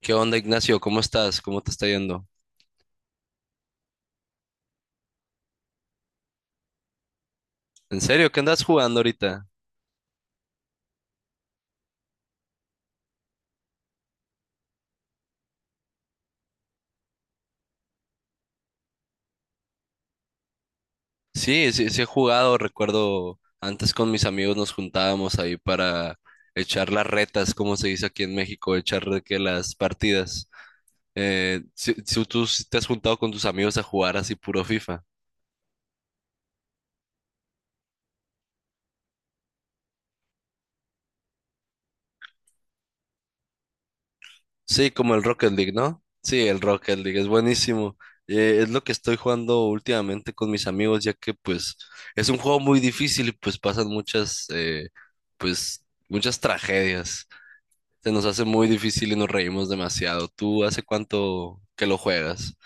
¿Qué onda, Ignacio? ¿Cómo estás? ¿Cómo te está yendo? ¿En serio? ¿Qué andas jugando ahorita? Sí, sí, sí he jugado. Recuerdo antes con mis amigos nos juntábamos ahí para echar las retas, como se dice aquí en México, echar de que las partidas. Si tú sí te has juntado con tus amigos a jugar así puro FIFA. Sí, como el Rocket League, ¿no? Sí, el Rocket League es buenísimo. Es lo que estoy jugando últimamente con mis amigos, ya que pues es un juego muy difícil y pues pasan muchas, pues muchas tragedias. Se nos hace muy difícil y nos reímos demasiado. ¿Tú hace cuánto que lo juegas?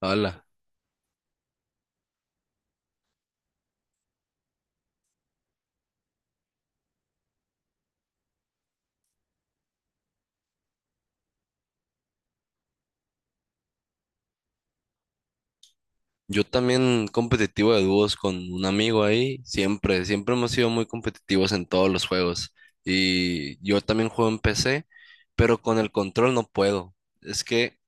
Hola. Yo también competitivo de dúos con un amigo ahí, siempre, siempre hemos sido muy competitivos en todos los juegos. Y yo también juego en PC, pero con el control no puedo. Es que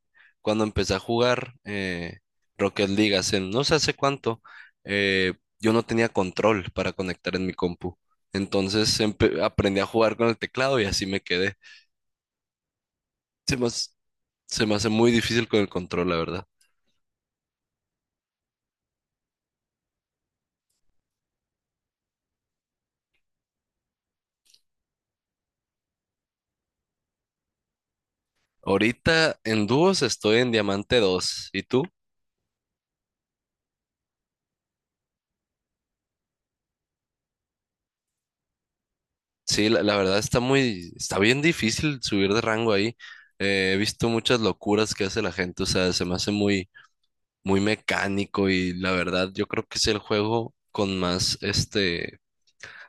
cuando empecé a jugar Rocket League hace no sé hace cuánto, eh, yo no tenía control para conectar en mi compu. Entonces aprendí a jugar con el teclado y así me quedé. Se me, hace- se me hace muy difícil con el control, la verdad. Ahorita en dúos estoy en Diamante dos. ¿Y tú? Sí, la verdad está muy, está bien difícil subir de rango ahí. He visto muchas locuras que hace la gente, o sea, se me hace muy, muy mecánico y la verdad yo creo que es el juego con más, este,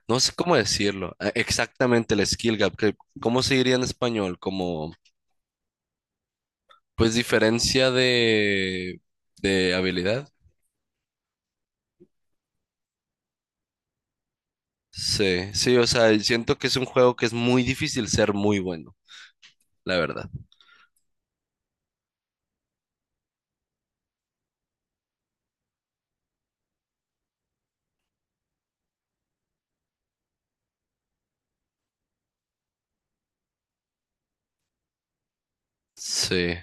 no sé cómo decirlo, exactamente el skill gap, que, ¿cómo se diría en español? Como, pues diferencia de habilidad. Sí, sí, o sea, siento que es un juego que es muy difícil ser muy bueno, la verdad. Sí.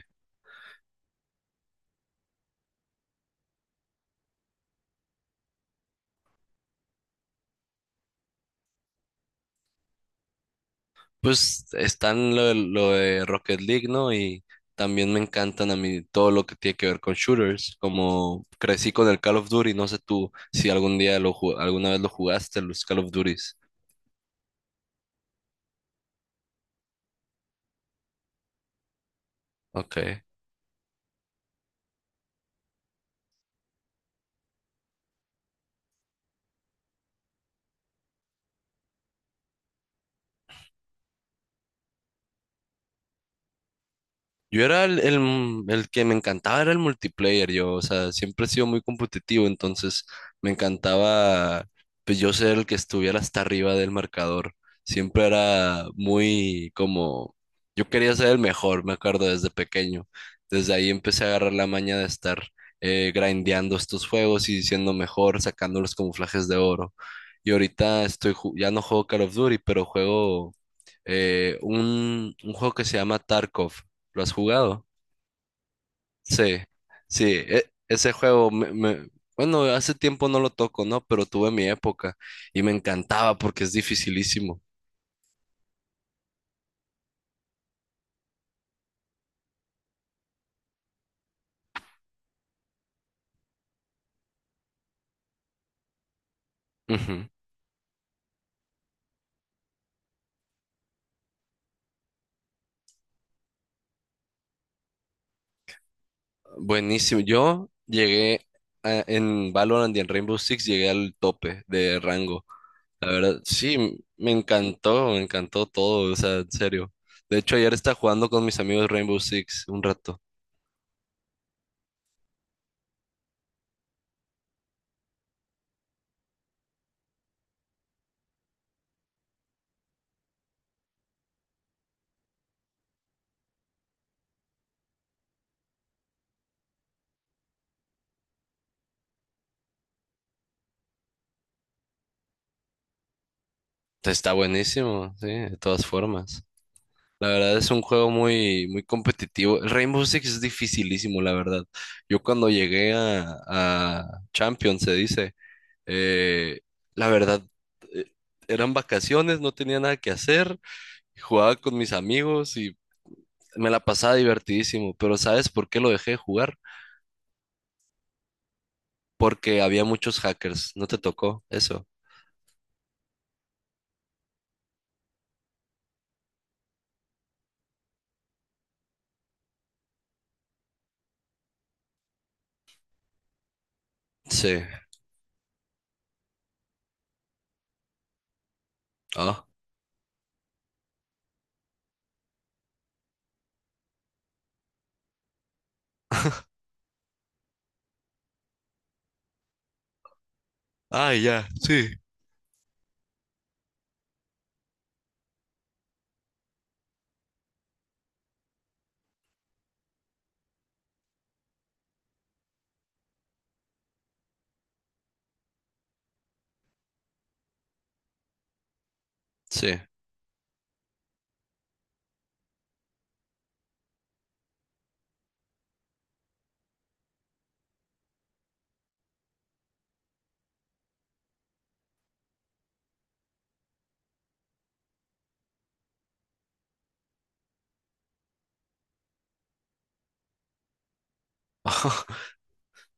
Pues están lo de Rocket League, ¿no? Y también me encantan a mí todo lo que tiene que ver con shooters, como crecí con el Call of Duty, no sé tú si algún día alguna vez lo jugaste, los Call of Duties. Ok. Yo era el que me encantaba, era el multiplayer, yo, o sea, siempre he sido muy competitivo, entonces me encantaba, pues yo ser el que estuviera hasta arriba del marcador, siempre era muy como, yo quería ser el mejor, me acuerdo, desde pequeño, desde ahí empecé a agarrar la maña de estar grindeando estos juegos y siendo mejor, sacando los camuflajes de oro, y ahorita estoy, ya no juego Call of Duty, pero juego un juego que se llama Tarkov. ¿Lo has jugado? Sí, sí, ese juego bueno, hace tiempo no lo toco, ¿no? Pero tuve mi época y me encantaba porque es dificilísimo. Ujú. Buenísimo. Yo llegué en Valorant y en Rainbow Six llegué al tope de rango. La verdad, sí, me encantó todo, o sea, en serio. De hecho, ayer estaba jugando con mis amigos Rainbow Six un rato. Está buenísimo, sí, de todas formas. La verdad es un juego muy, muy competitivo. El Rainbow Six es dificilísimo, la verdad. Yo cuando llegué a Champions, se dice, eh, la verdad, eh, eran vacaciones, no tenía nada que hacer, jugaba con mis amigos y me la pasaba divertidísimo. Pero ¿sabes por qué lo dejé de jugar? Porque había muchos hackers, no te tocó eso. Sí. Ah. Ah, ya, sí. Sí.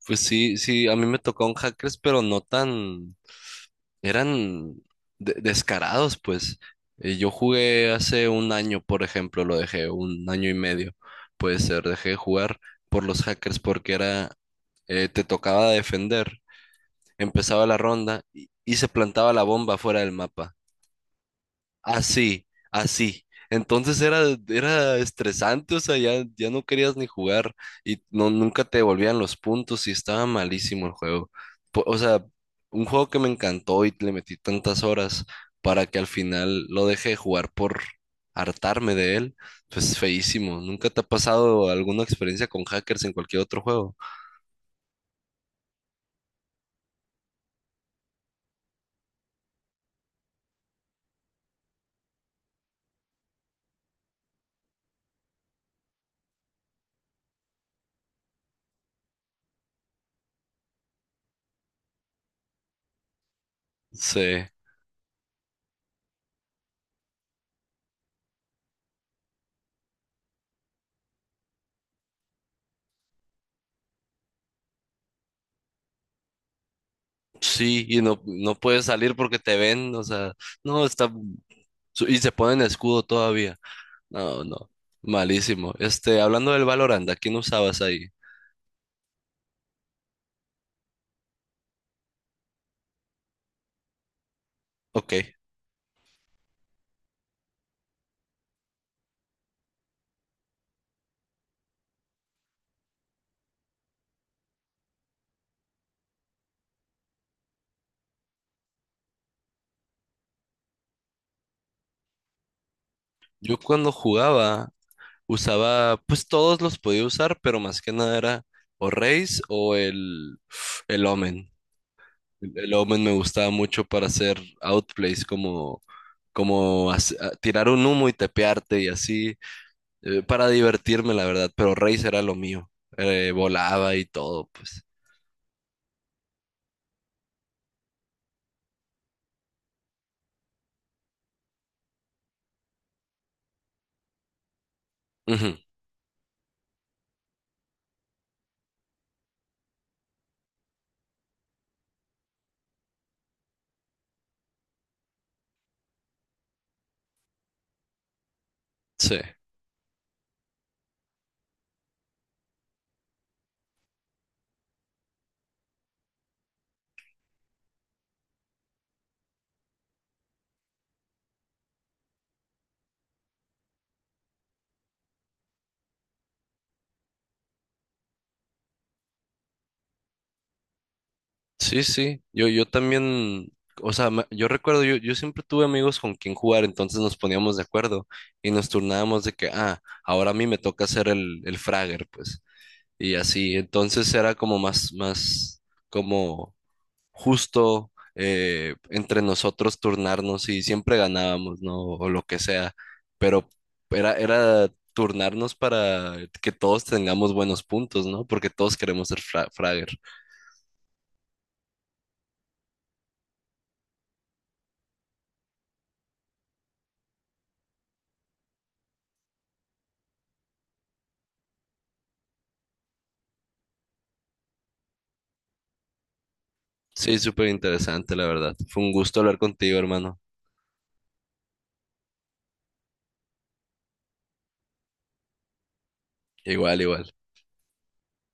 Pues sí, sí, a mí me tocaron hackers, pero no tan... eran descarados, pues. Yo jugué hace un año, por ejemplo, lo dejé, un año y medio, puede ser, dejé de jugar por los hackers porque era, te tocaba defender, empezaba la ronda y se plantaba la bomba fuera del mapa. Así, así. Entonces era, era estresante, o sea, ya, ya no querías ni jugar y no, nunca te devolvían los puntos y estaba malísimo el juego. O sea, un juego que me encantó y le metí tantas horas para que al final lo dejé de jugar por hartarme de él, pues feísimo. ¿Nunca te ha pasado alguna experiencia con hackers en cualquier otro juego? Sí, sí, y no, no puedes salir porque te ven, o sea, no, está... Y se ponen escudo todavía. No, no. Malísimo. Este, hablando del Valorant, ¿a quién usabas ahí? Ok. Yo cuando jugaba, usaba, pues todos los podía usar, pero más que nada era o Raze o el Omen. El Omen me gustaba mucho para hacer outplays, como, tirar un humo y tepearte y así, para divertirme, la verdad. Pero Raze era lo mío. Volaba y todo, pues. Ujú, sí. Sí, sí, yo también, o sea, yo recuerdo, yo siempre tuve amigos con quien jugar, entonces nos poníamos de acuerdo y nos turnábamos de que, ah, ahora a mí me toca hacer el fragger, pues, y así, entonces era como más, más, como justo entre nosotros turnarnos y siempre ganábamos, ¿no? O lo que sea, pero era, era turnarnos para que todos tengamos buenos puntos, ¿no? Porque todos queremos ser Fragger. Sí, súper interesante, la verdad. Fue un gusto hablar contigo, hermano. Igual, igual.